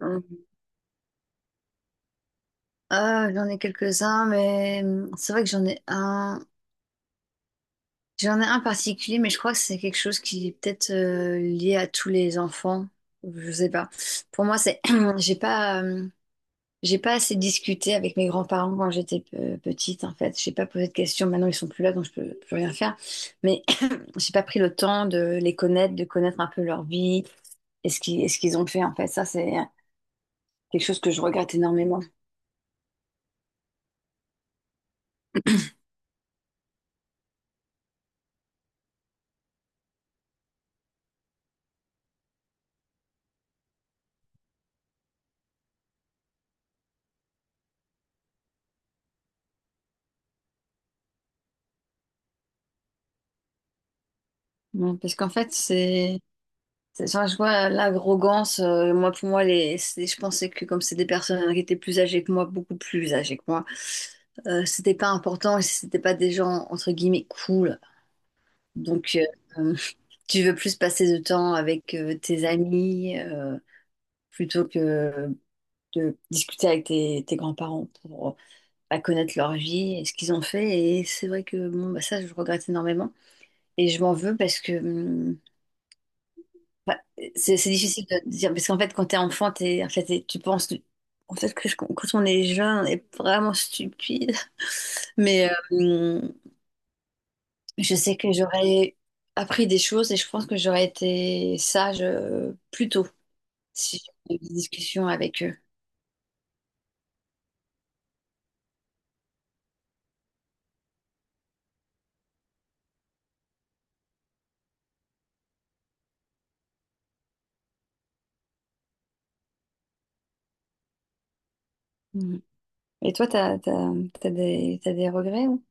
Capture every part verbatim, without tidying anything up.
Hum, Ah, j'en ai quelques-uns, mais hum, c'est vrai que j'en ai un. J'en ai un particulier, mais je crois que c'est quelque chose qui est peut-être euh, lié à tous les enfants. Je sais pas. Pour moi, c'est j'ai pas hum, j'ai pas assez discuté avec mes grands-parents quand j'étais euh, petite, en fait. J'ai pas posé de questions. Maintenant, ils sont plus là, donc je peux plus rien faire. Mais j'ai pas pris le temps de les connaître, de connaître un peu leur vie et ce qu'ils et ce qu'ils ont fait, en fait. Ça, c'est euh, quelque chose que je regrette énormément. Hum, Parce qu'en fait, c'est C'est- Genre, je vois l'arrogance. Euh, moi, pour moi, les, c'est- je pensais que comme c'est des personnes qui étaient plus âgées que moi, beaucoup plus âgées que moi, euh, c'était pas important et c'était pas des gens entre guillemets cool. Donc, euh, tu veux plus passer de temps avec euh, tes amis euh, plutôt que de discuter avec tes, tes grands-parents pour bah, connaître leur vie et ce qu'ils ont fait. Et c'est vrai que bon, bah, ça, je regrette énormément. Et je m'en veux parce que hum, Bah, c'est c'est difficile de dire, parce qu'en fait, quand t'es enfant, t'es, en fait, t'es- tu penses, en fait, que je- quand on est jeune, on est vraiment stupide. Mais euh, je sais que j'aurais appris des choses et je pense que j'aurais été sage euh, plus tôt si j'avais eu des discussions avec eux. Mhm. Et toi, t'as, t'as, t'as des, t'as des regrets? Ou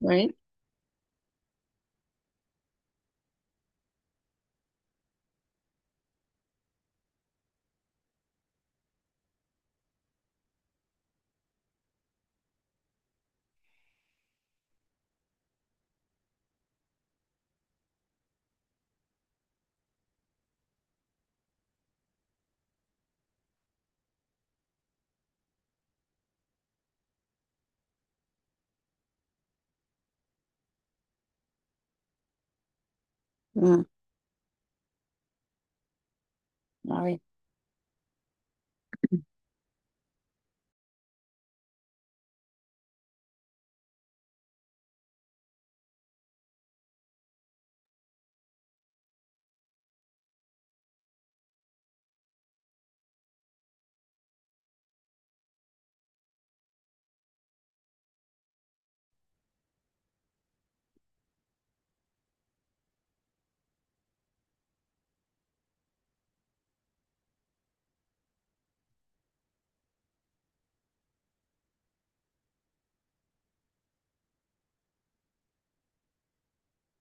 oui. Mhm. Ah oui.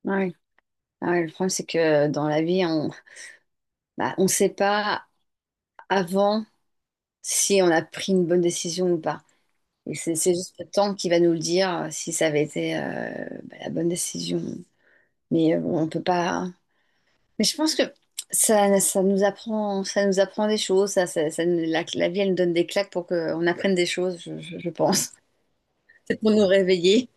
Ah oui. Ah oui, le problème, c'est que dans la vie, on bah, on sait pas avant si on a pris une bonne décision ou pas. Et c'est c'est juste le temps qui va nous le dire euh, si ça avait été euh, bah, la bonne décision. Mais euh, bon, on peut pas, hein. Mais je pense que ça, ça nous apprend, ça nous apprend des choses. Ça, ça- ça nous- la, la vie, elle nous donne des claques pour qu'on apprenne des choses, je, je- je pense. C'est pour nous réveiller.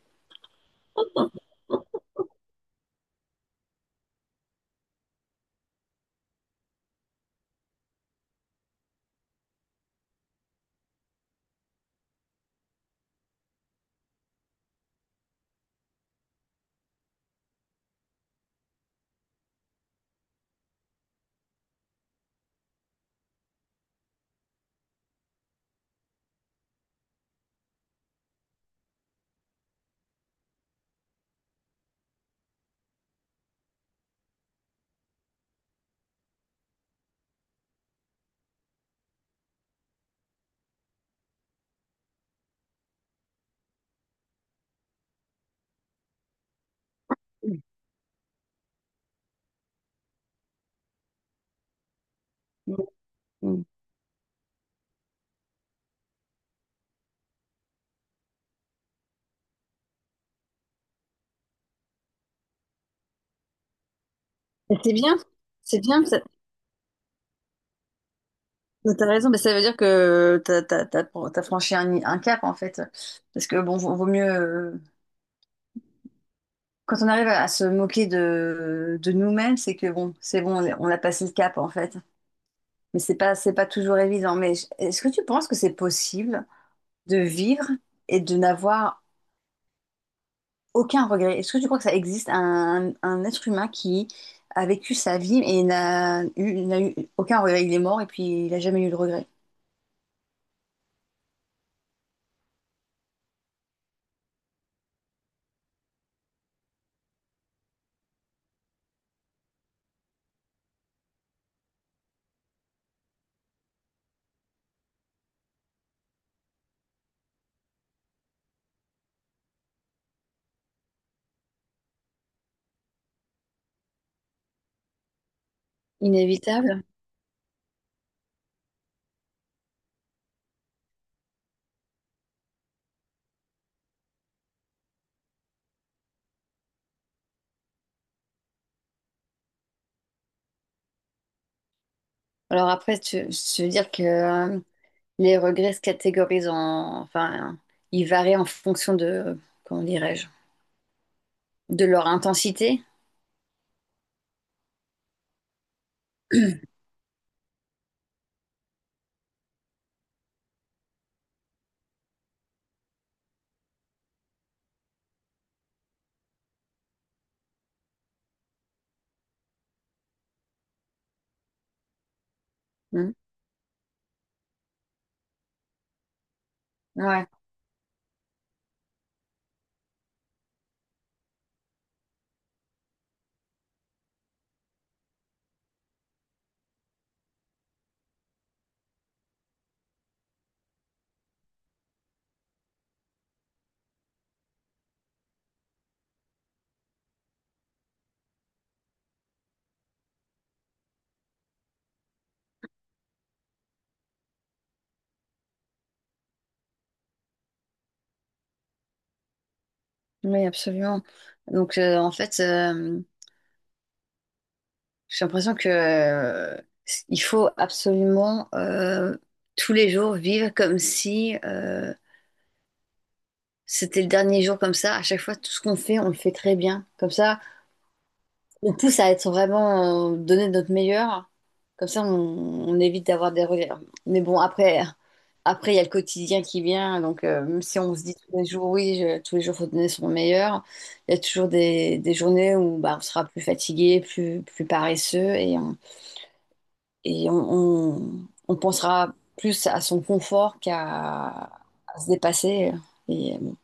Mm. Mm. Mais c'est bien, c'est bien. Ça- mais t'as raison, mais ça veut dire que t'as, t'as, t'as- t'as franchi un, un cap en fait. Parce que bon, vaut vaut mieux. Quand on arrive à se moquer de, de nous-mêmes, c'est que bon, c'est bon, on est- on a passé le cap en fait. Mais c'est pas, c'est pas toujours évident. Mais je- est-ce que tu penses que c'est possible de vivre et de n'avoir aucun regret? Est-ce que tu crois que ça existe un, un être humain qui a vécu sa vie et n'a eu, n'a eu aucun regret? Il est mort et puis il n'a jamais eu de regret. Inévitable. Alors après, tu, je veux dire que euh, les regrets se catégorisent en… Enfin, ils varient en fonction de… Comment dirais-je? De leur intensité? Hmm. Ouais, oui, absolument. Donc, euh, en fait, euh, j'ai l'impression que euh, il faut absolument euh, tous les jours vivre comme si euh, c'était le dernier jour comme ça. À chaque fois, tout ce qu'on fait, on le fait très bien. Comme ça, on pousse à être vraiment euh, donner notre meilleur. Comme ça, on, on évite d'avoir des regrets. Mais bon, après, après, il y a le quotidien qui vient. Donc, euh, même si on se dit tous les jours, oui, je- tous les jours, faut donner son meilleur, il y a toujours des, des journées où bah, on sera plus fatigué, plus, plus paresseux et, on, et on, on- on pensera plus à son confort qu'à à se dépasser. Et euh, bon,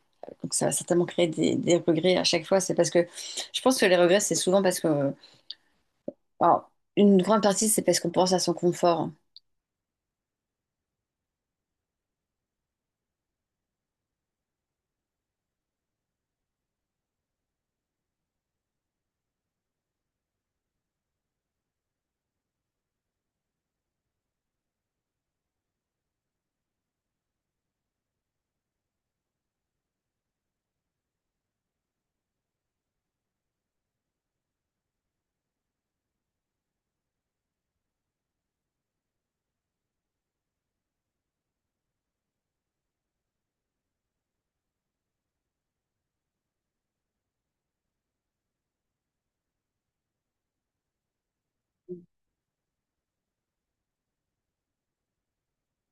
donc, ça va certainement créer des, des regrets à chaque fois. C'est parce que je pense que les regrets, c'est souvent parce que alors, une grande partie, c'est parce qu'on pense à son confort.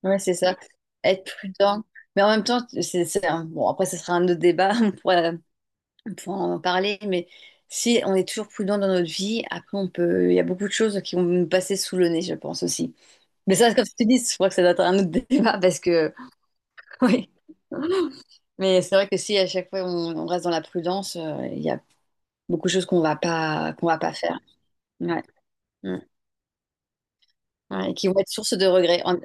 Ouais, c'est ça. Être prudent. Mais en même temps, c'est, c'est un- bon, après, ce sera un autre débat, on pourra, on pourra en parler. Mais si on est toujours prudent dans notre vie, après, on peut, il y a beaucoup de choses qui vont nous passer sous le nez, je pense aussi. Mais ça, comme je te dis, je crois que ça doit être un autre débat parce que, oui. Mais c'est vrai que si à chaque fois on, on reste dans la prudence, euh, il y a beaucoup de choses qu'on va pas, qu'on va pas faire. Ouais. Mm. Ouais, et qui vont être source de regrets, en,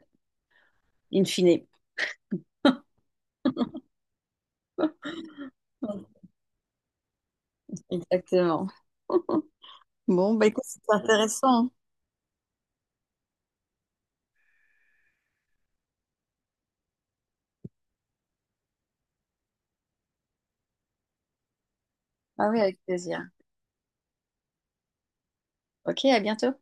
in fine. Mm. Exactement. Bon, bah écoute, c'est intéressant, hein. Ah oui, avec plaisir. Ok, à bientôt.